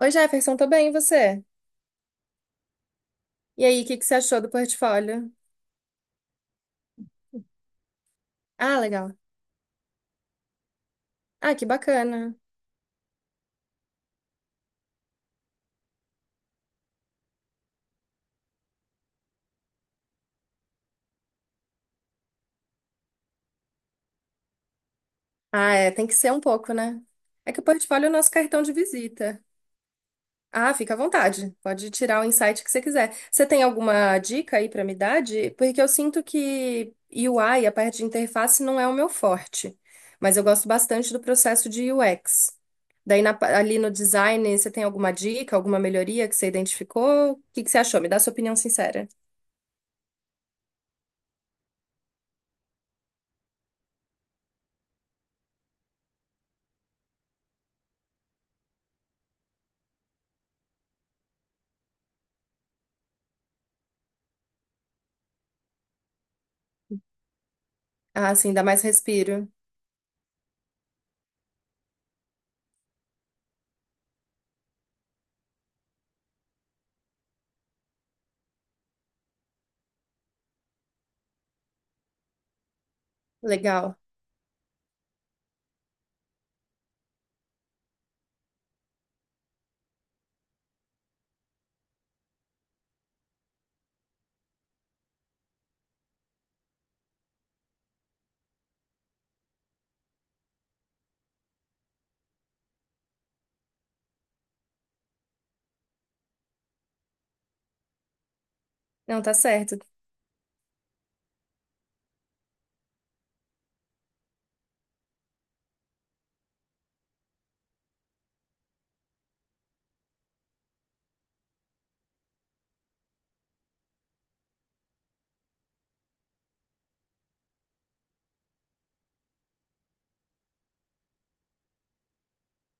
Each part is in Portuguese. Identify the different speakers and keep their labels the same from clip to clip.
Speaker 1: Oi, Jefferson, tô bem, e você? E aí, o que que você achou do portfólio? Ah, legal. Ah, que bacana. Ah, é, tem que ser um pouco, né? É que o portfólio é o nosso cartão de visita. Ah, fica à vontade. Pode tirar o insight que você quiser. Você tem alguma dica aí pra me dar? Porque eu sinto que UI, a parte de interface, não é o meu forte. Mas eu gosto bastante do processo de UX. Daí ali no design, você tem alguma dica, alguma melhoria que você identificou? O que que você achou? Me dá sua opinião sincera. Ah, sim, dá mais respiro. Legal. Não, tá certo.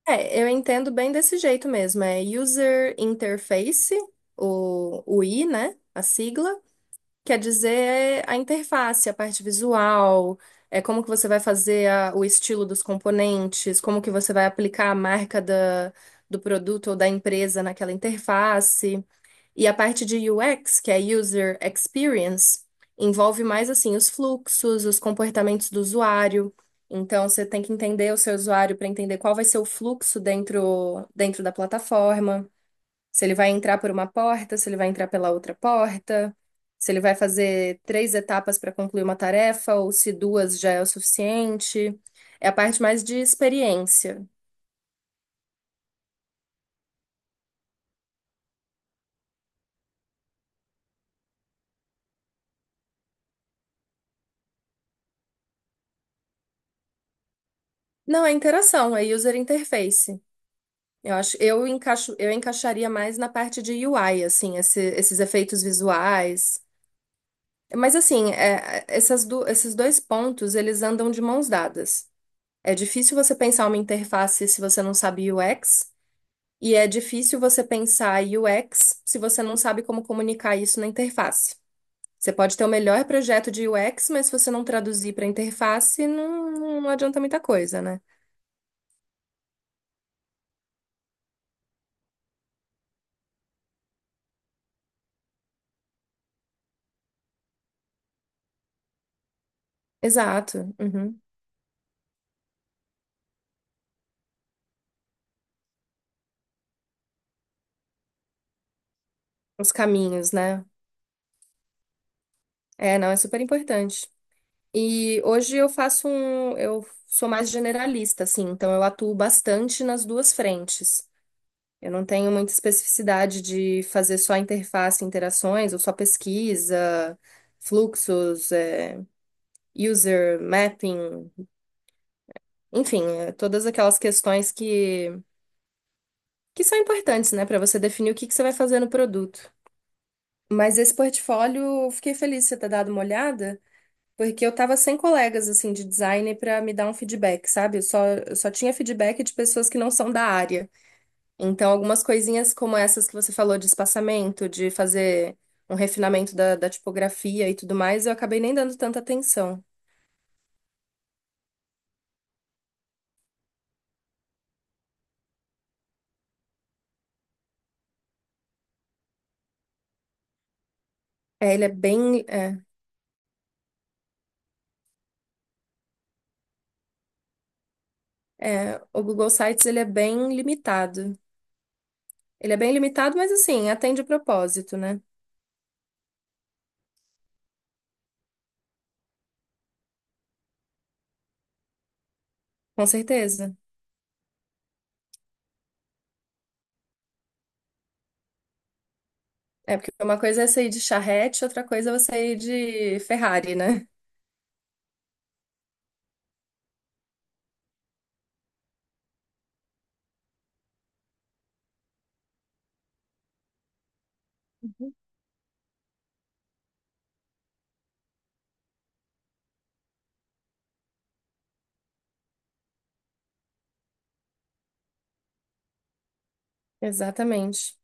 Speaker 1: É, eu entendo bem desse jeito mesmo. É User Interface, o I, né? A sigla. Quer dizer é a interface, a parte visual, é como que você vai fazer o estilo dos componentes, como que você vai aplicar a marca da, do produto ou da empresa naquela interface. E a parte de UX, que é User Experience, envolve mais assim os fluxos, os comportamentos do usuário. Então você tem que entender o seu usuário para entender qual vai ser o fluxo dentro da plataforma. Se ele vai entrar por uma porta, se ele vai entrar pela outra porta, se ele vai fazer três etapas para concluir uma tarefa ou se duas já é o suficiente. É a parte mais de experiência. Não, é interação, é user interface. Eu acho, eu encaixo, eu encaixaria mais na parte de UI, assim, esses efeitos visuais. Mas assim, é, essas esses dois pontos, eles andam de mãos dadas. É difícil você pensar uma interface se você não sabe UX, e é difícil você pensar UX se você não sabe como comunicar isso na interface. Você pode ter o melhor projeto de UX, mas se você não traduzir para interface, não, não adianta muita coisa, né? Exato. Uhum. Os caminhos, né? É, não, é super importante. E hoje eu sou mais generalista, assim, então eu atuo bastante nas duas frentes. Eu não tenho muita especificidade de fazer só interface, interações, ou só pesquisa, fluxos, é, user mapping, enfim, é, todas aquelas questões que são importantes, né, para você definir o que que você vai fazer no produto. Mas esse portfólio, eu fiquei feliz de você ter dado uma olhada. Porque eu tava sem colegas, assim, de designer pra me dar um feedback, sabe? Eu só tinha feedback de pessoas que não são da área. Então, algumas coisinhas como essas que você falou de espaçamento, de fazer um refinamento da, da tipografia e tudo mais, eu acabei nem dando tanta atenção. É, ele é bem... É, é, o Google Sites, ele é bem limitado. Ele é bem limitado, mas, assim, atende o propósito, né? Com certeza. É, porque uma coisa é sair de charrete, outra coisa é você ir de Ferrari, né? Exatamente.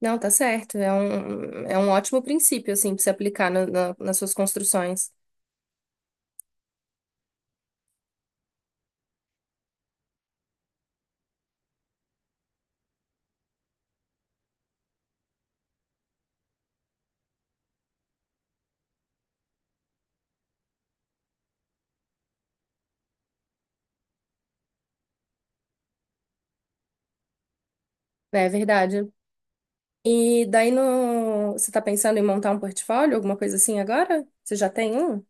Speaker 1: Não, tá certo. É um ótimo princípio, assim, pra se aplicar nas suas construções. É verdade. E daí no... você tá pensando em montar um portfólio, alguma coisa assim agora? Você já tem um?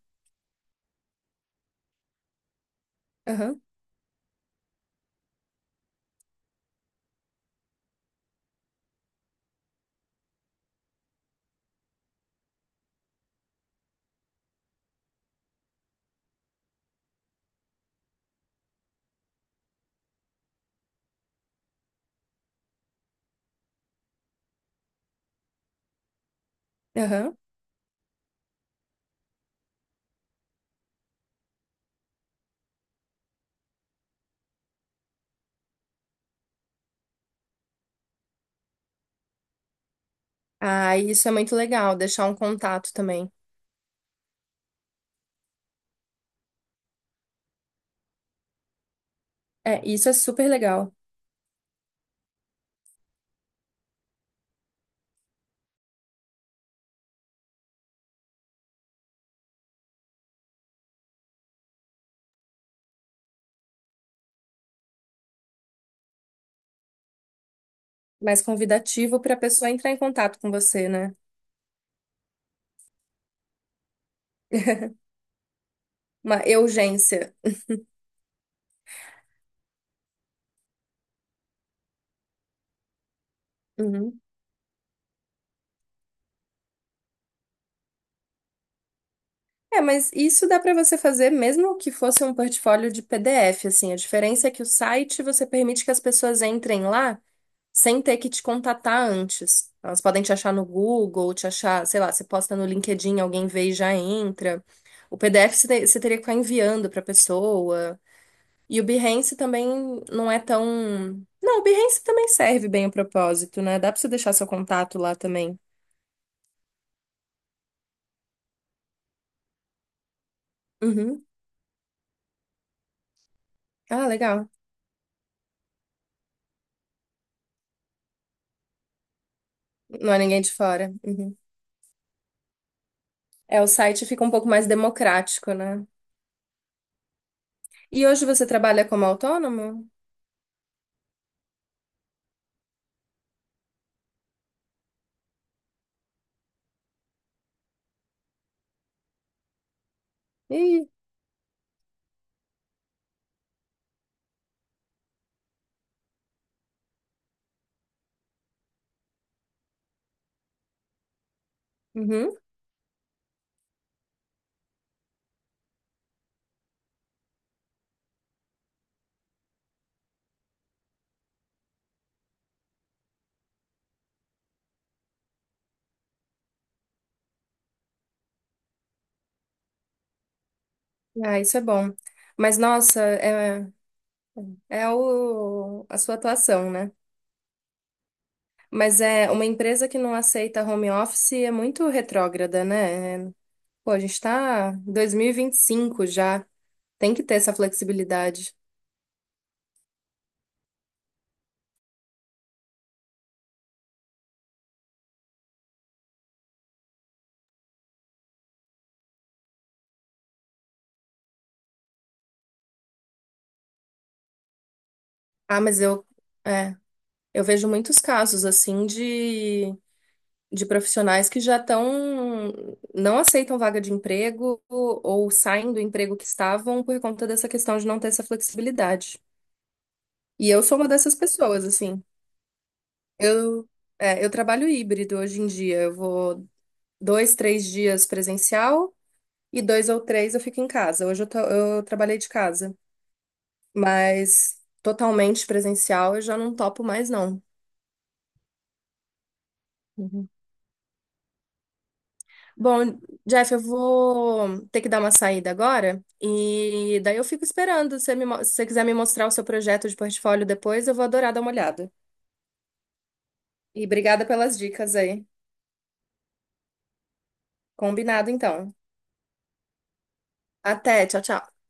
Speaker 1: Aham, aham. Ah, isso é muito legal, deixar um contato também. É, isso é super legal. Mais convidativo para a pessoa entrar em contato com você, né? Uma urgência. Uhum. É, mas isso dá para você fazer mesmo que fosse um portfólio de PDF, assim. A diferença é que o site você permite que as pessoas entrem lá sem ter que te contatar antes. Elas podem te achar no Google, te achar, sei lá, você posta no LinkedIn, alguém vê e já entra. O PDF você teria que ficar enviando para pessoa. E o Behance também não é tão. Não, o Behance também serve bem o propósito, né? Dá para você deixar seu contato lá também. Uhum. Ah, legal. Não é ninguém de fora. Uhum. É, o site fica um pouco mais democrático, né? E hoje você trabalha como autônomo? Ih, uhum. Ah, isso é bom. Mas, nossa, é, é o, a sua atuação, né? Mas é uma empresa que não aceita home office é muito retrógrada, né? É, pô, a gente tá em 2025 já. Tem que ter essa flexibilidade. Ah, mas eu, é, eu vejo muitos casos assim de profissionais que já estão, não aceitam vaga de emprego ou saem do emprego que estavam por conta dessa questão de não ter essa flexibilidade. E eu sou uma dessas pessoas, assim. Eu, é, eu trabalho híbrido hoje em dia. Eu vou dois, três dias presencial e dois ou três eu fico em casa. Hoje eu, eu trabalhei de casa, mas totalmente presencial eu já não topo mais, não. Bom, Jeff, eu vou ter que dar uma saída agora e daí eu fico esperando. Se você se você quiser me mostrar o seu projeto de portfólio depois, eu vou adorar dar uma olhada. E obrigada pelas dicas aí. Combinado, então. Até, tchau, tchau.